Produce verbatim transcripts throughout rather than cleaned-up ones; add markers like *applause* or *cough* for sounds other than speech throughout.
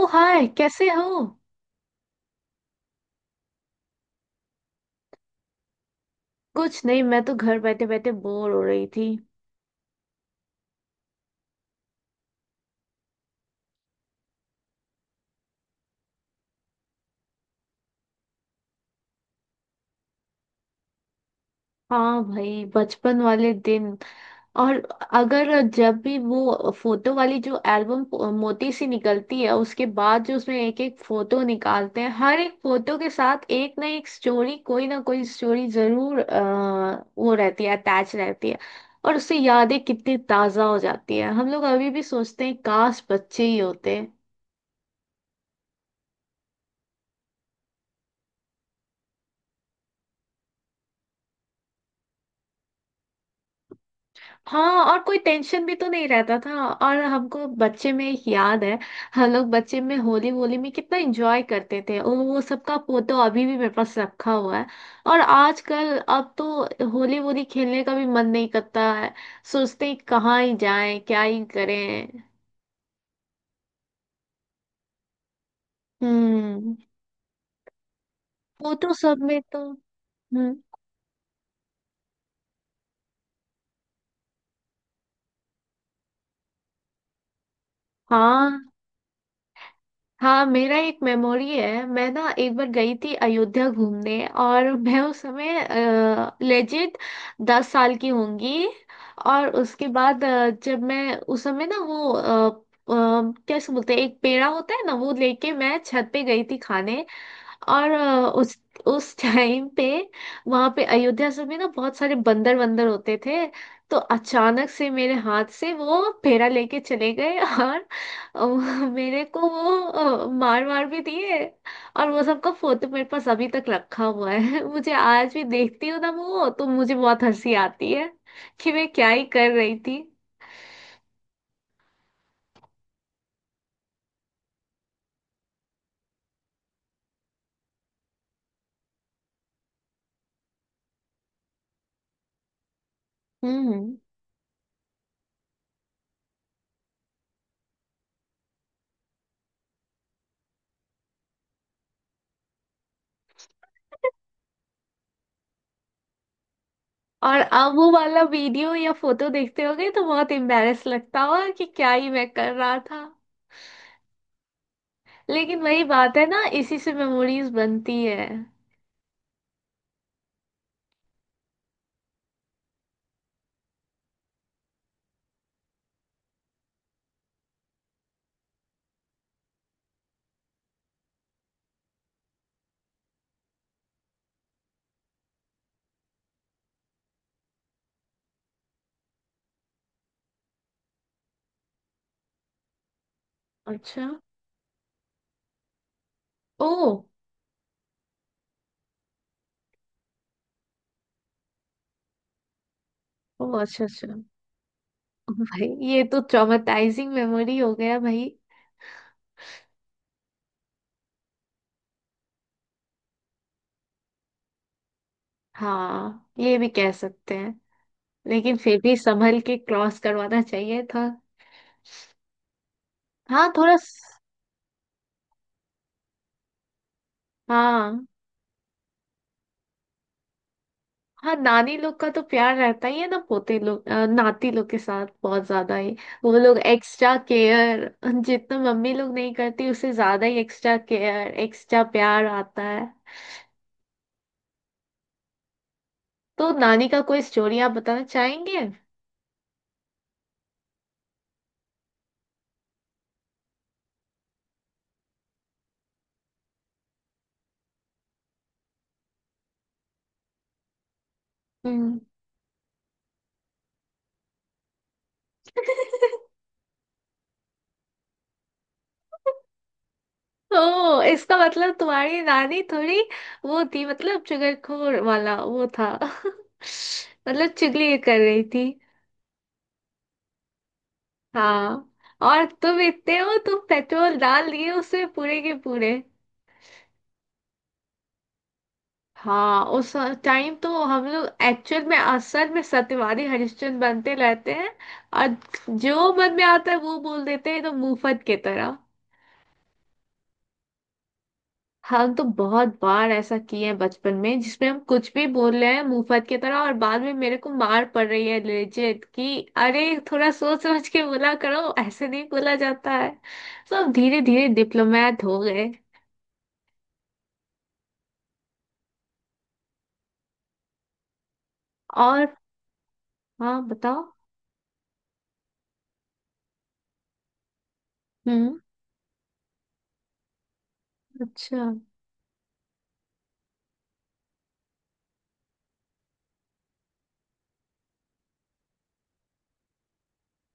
ओ hi, कैसे हो। कुछ नहीं, मैं तो घर बैठे बैठे बोर हो रही थी। हाँ भाई, बचपन वाले दिन। और अगर जब भी वो फोटो वाली जो एल्बम मोटी सी निकलती है, उसके बाद जो उसमें एक एक फोटो निकालते हैं, हर एक फोटो के साथ एक ना एक स्टोरी, कोई ना कोई स्टोरी जरूर अ, वो रहती है, अटैच रहती है। और उससे यादें कितनी ताजा हो जाती है। हम लोग अभी भी सोचते हैं, काश बच्चे ही होते। हाँ, और कोई टेंशन भी तो नहीं रहता था। और हमको बच्चे में एक याद है। हम लोग बच्चे में होली वोली में कितना एंजॉय करते थे, और वो सबका फोटो अभी भी मेरे पास रखा हुआ है। और आजकल अब तो होली वोली खेलने का भी मन नहीं करता है। सोचते हैं कहाँ ही जाएं, क्या ही करें। हम्म। फोटो सब में तो। हम्म। हाँ, हाँ, मेरा एक मेमोरी है। मैं ना एक बार गई थी अयोध्या घूमने, और मैं उस समय लेजिट दस साल की होंगी। और उसके बाद अ, जब मैं उस समय ना, वो अ, अ, कैसे बोलते हैं, एक पेड़ा होता है ना, वो लेके मैं छत पे गई थी खाने। और अ, उस उस टाइम पे वहां पे अयोध्या सब में ना बहुत सारे बंदर वंदर होते थे। तो अचानक से मेरे हाथ से वो फेरा लेके चले गए *laughs* और अ, मेरे को वो अ, मार मार भी दिए। और वो सबका फोटो मेरे पास अभी तक रखा हुआ है। *laughs* मुझे आज भी देखती हूँ ना, वो तो मुझे बहुत हंसी आती है कि मैं क्या ही कर रही थी। हम्म। और अब वो वाला वीडियो या फोटो देखते होगे तो बहुत एम्बैरेस लगता होगा कि क्या ही मैं कर रहा था। लेकिन वही बात है ना, इसी से मेमोरीज बनती है। अच्छा। ओ। ओ अच्छा, अच्छा। भाई, ये तो ट्रॉमेटाइजिंग मेमोरी हो गया भाई। हाँ, ये भी कह सकते हैं, लेकिन फिर भी संभल के क्रॉस करवाना चाहिए था। हाँ, थोड़ा स-। हाँ, हाँ, नानी लोग का तो प्यार रहता ही है ना, पोते लोग, अ, नाती लोग के साथ बहुत ज्यादा ही। वो लोग एक्स्ट्रा केयर, जितना मम्मी लोग नहीं करती उससे ज्यादा ही एक्स्ट्रा केयर, एक्स्ट्रा प्यार आता है। तो नानी का कोई स्टोरी आप बताना चाहेंगे। हम्म। *laughs* ओ, इसका मतलब तुम्हारी नानी थोड़ी वो थी, मतलब चुगलखोर वाला वो था। *laughs* मतलब चुगली कर रही थी। हाँ, और तुम इतने हो, तुम पेट्रोल डाल दिए उसमें पूरे के पूरे। हाँ, उस टाइम तो हम लोग एक्चुअल में, असल में सत्यवादी हरिश्चंद्र बनते रहते हैं। और जो मन में आता है वो बोल देते हैं तो, मुफ्त की तरह। हम तो बहुत बार ऐसा किए हैं बचपन में, जिसमें हम कुछ भी बोल रहे हैं मुफ्त की तरह, और बाद में मेरे को मार पड़ रही है लेजिट कि, अरे, थोड़ा सोच समझ के बोला करो, ऐसे नहीं बोला जाता है। सब धीरे धीरे डिप्लोमेट हो गए। और। हाँ, बताओ। हम्म। अच्छा।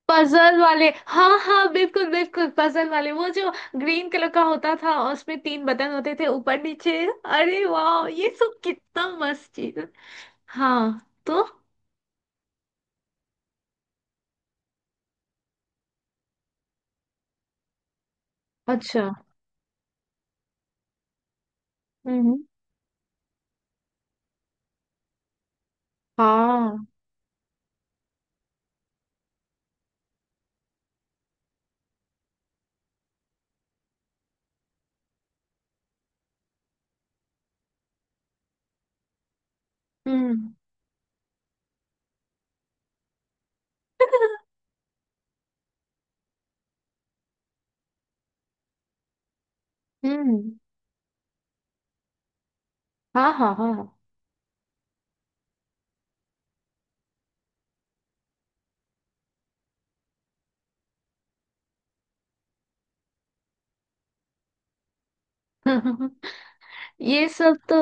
पजल वाले, हाँ, हाँ, बिल्कुल बिल्कुल, पजल वाले, वो जो ग्रीन कलर का होता था और उसमें तीन बटन होते थे, ऊपर नीचे। अरे वाह, ये सब कितना मस्त चीज है। हाँ। तो। अच्छा। हम्म। हाँ। हम्म। हम्म। हाँ, हाँ, हाँ। *laughs* ये सब तो।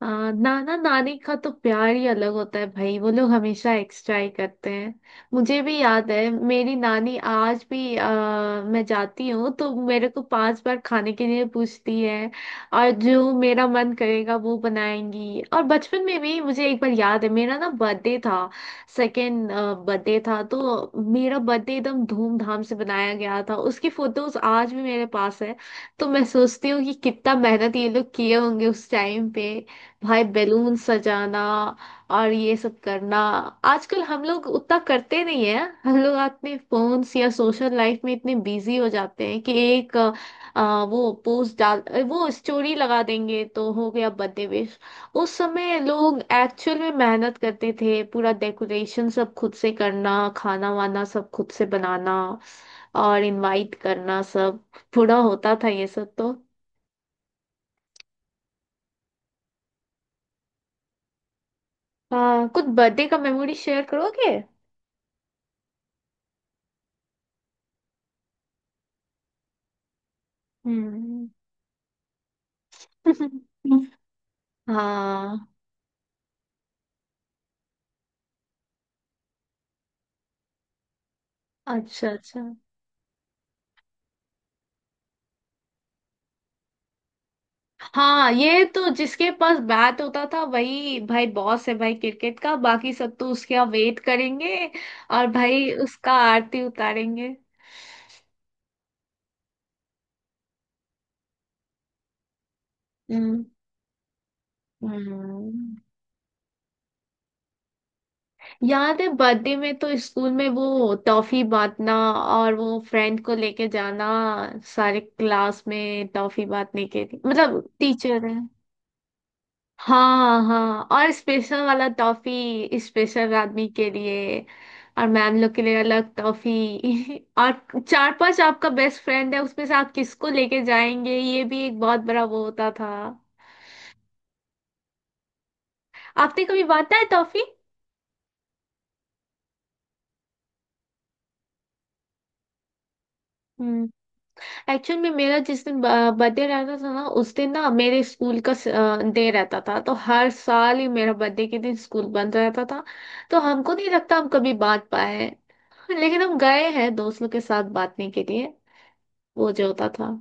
हाँ, नाना नानी का तो प्यार ही अलग होता है भाई, वो लोग हमेशा एक्स्ट्रा ही करते हैं। मुझे भी याद है मेरी नानी आज भी, आ, मैं जाती हूँ तो मेरे को पांच बार खाने के लिए पूछती है। और जो मेरा मन करेगा वो बनाएंगी। और बचपन में भी मुझे एक बार याद है, मेरा ना बर्थडे था। सेकेंड बर्थडे था, तो मेरा बर्थडे एकदम धूमधाम से बनाया गया था, उसकी फोटोज आज भी मेरे पास है। तो मैं सोचती हूँ कि कितना मेहनत ये लोग किए होंगे उस टाइम पे, भाई। बैलून सजाना और ये सब करना, आजकल हम लोग उतना करते नहीं है। हम लोग अपने फोन्स या सोशल लाइफ में इतने बिजी हो जाते हैं कि एक अ, अ, वो पोस्ट डाल, अ, वो स्टोरी लगा देंगे तो हो गया बर्थडे विश। उस समय लोग एक्चुअल में मेहनत करते थे, पूरा डेकोरेशन सब खुद से करना, खाना वाना सब खुद से बनाना और इनवाइट करना सब, पूरा होता था ये सब तो। हाँ, कुछ बर्थडे का मेमोरी शेयर करोगे। हम्म। *laughs* हाँ। अच्छा अच्छा। हाँ, ये तो जिसके पास बैट होता था वही भाई बॉस है भाई, क्रिकेट का बाकी सब तो उसके यहाँ वेट करेंगे। और भाई उसका आरती उतारेंगे। हम्म। हम्म। याद है, बर्थडे में तो स्कूल में वो टॉफी बांटना और वो फ्रेंड को लेके जाना, सारे क्लास में टॉफी बांटने के लिए, मतलब टीचर है। हाँ, हाँ, और स्पेशल वाला टॉफी स्पेशल आदमी के लिए, और मैम लोग के लिए अलग टॉफी। *laughs* और चार पांच आपका बेस्ट फ्रेंड है, उसमें से आप किसको लेके जाएंगे, ये भी एक बहुत बड़ा वो होता था। आपने कभी बांटा है टॉफी? हम्म। एक्चुअल में मेरा जिस दिन बर्थडे रहता था ना, उस दिन ना मेरे स्कूल का डे रहता था, तो हर साल ही मेरा बर्थडे के दिन स्कूल बंद रहता था। तो हमको नहीं लगता हम कभी बांट पाए। लेकिन हम गए हैं दोस्तों के साथ बांटने के लिए, वो जो होता था।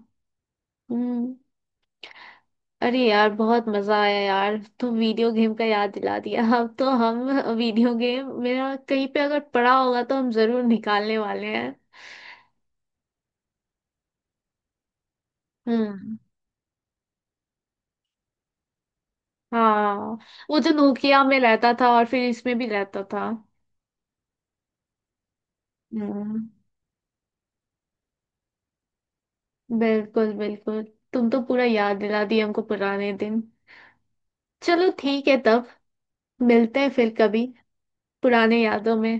हम्म। अरे यार, बहुत मजा आया यार। तुम वीडियो गेम का याद दिला दिया। *laughs* अब तो हम, वीडियो गेम मेरा कहीं पे अगर पड़ा होगा तो हम जरूर निकालने वाले हैं। हम्म। हाँ। वो जो नोकिया में रहता था और फिर इसमें भी रहता था। हम्म। बिल्कुल बिल्कुल। तुम तो पूरा याद दिला दिए हमको पुराने दिन। चलो ठीक है तब, मिलते हैं फिर कभी पुराने यादों में।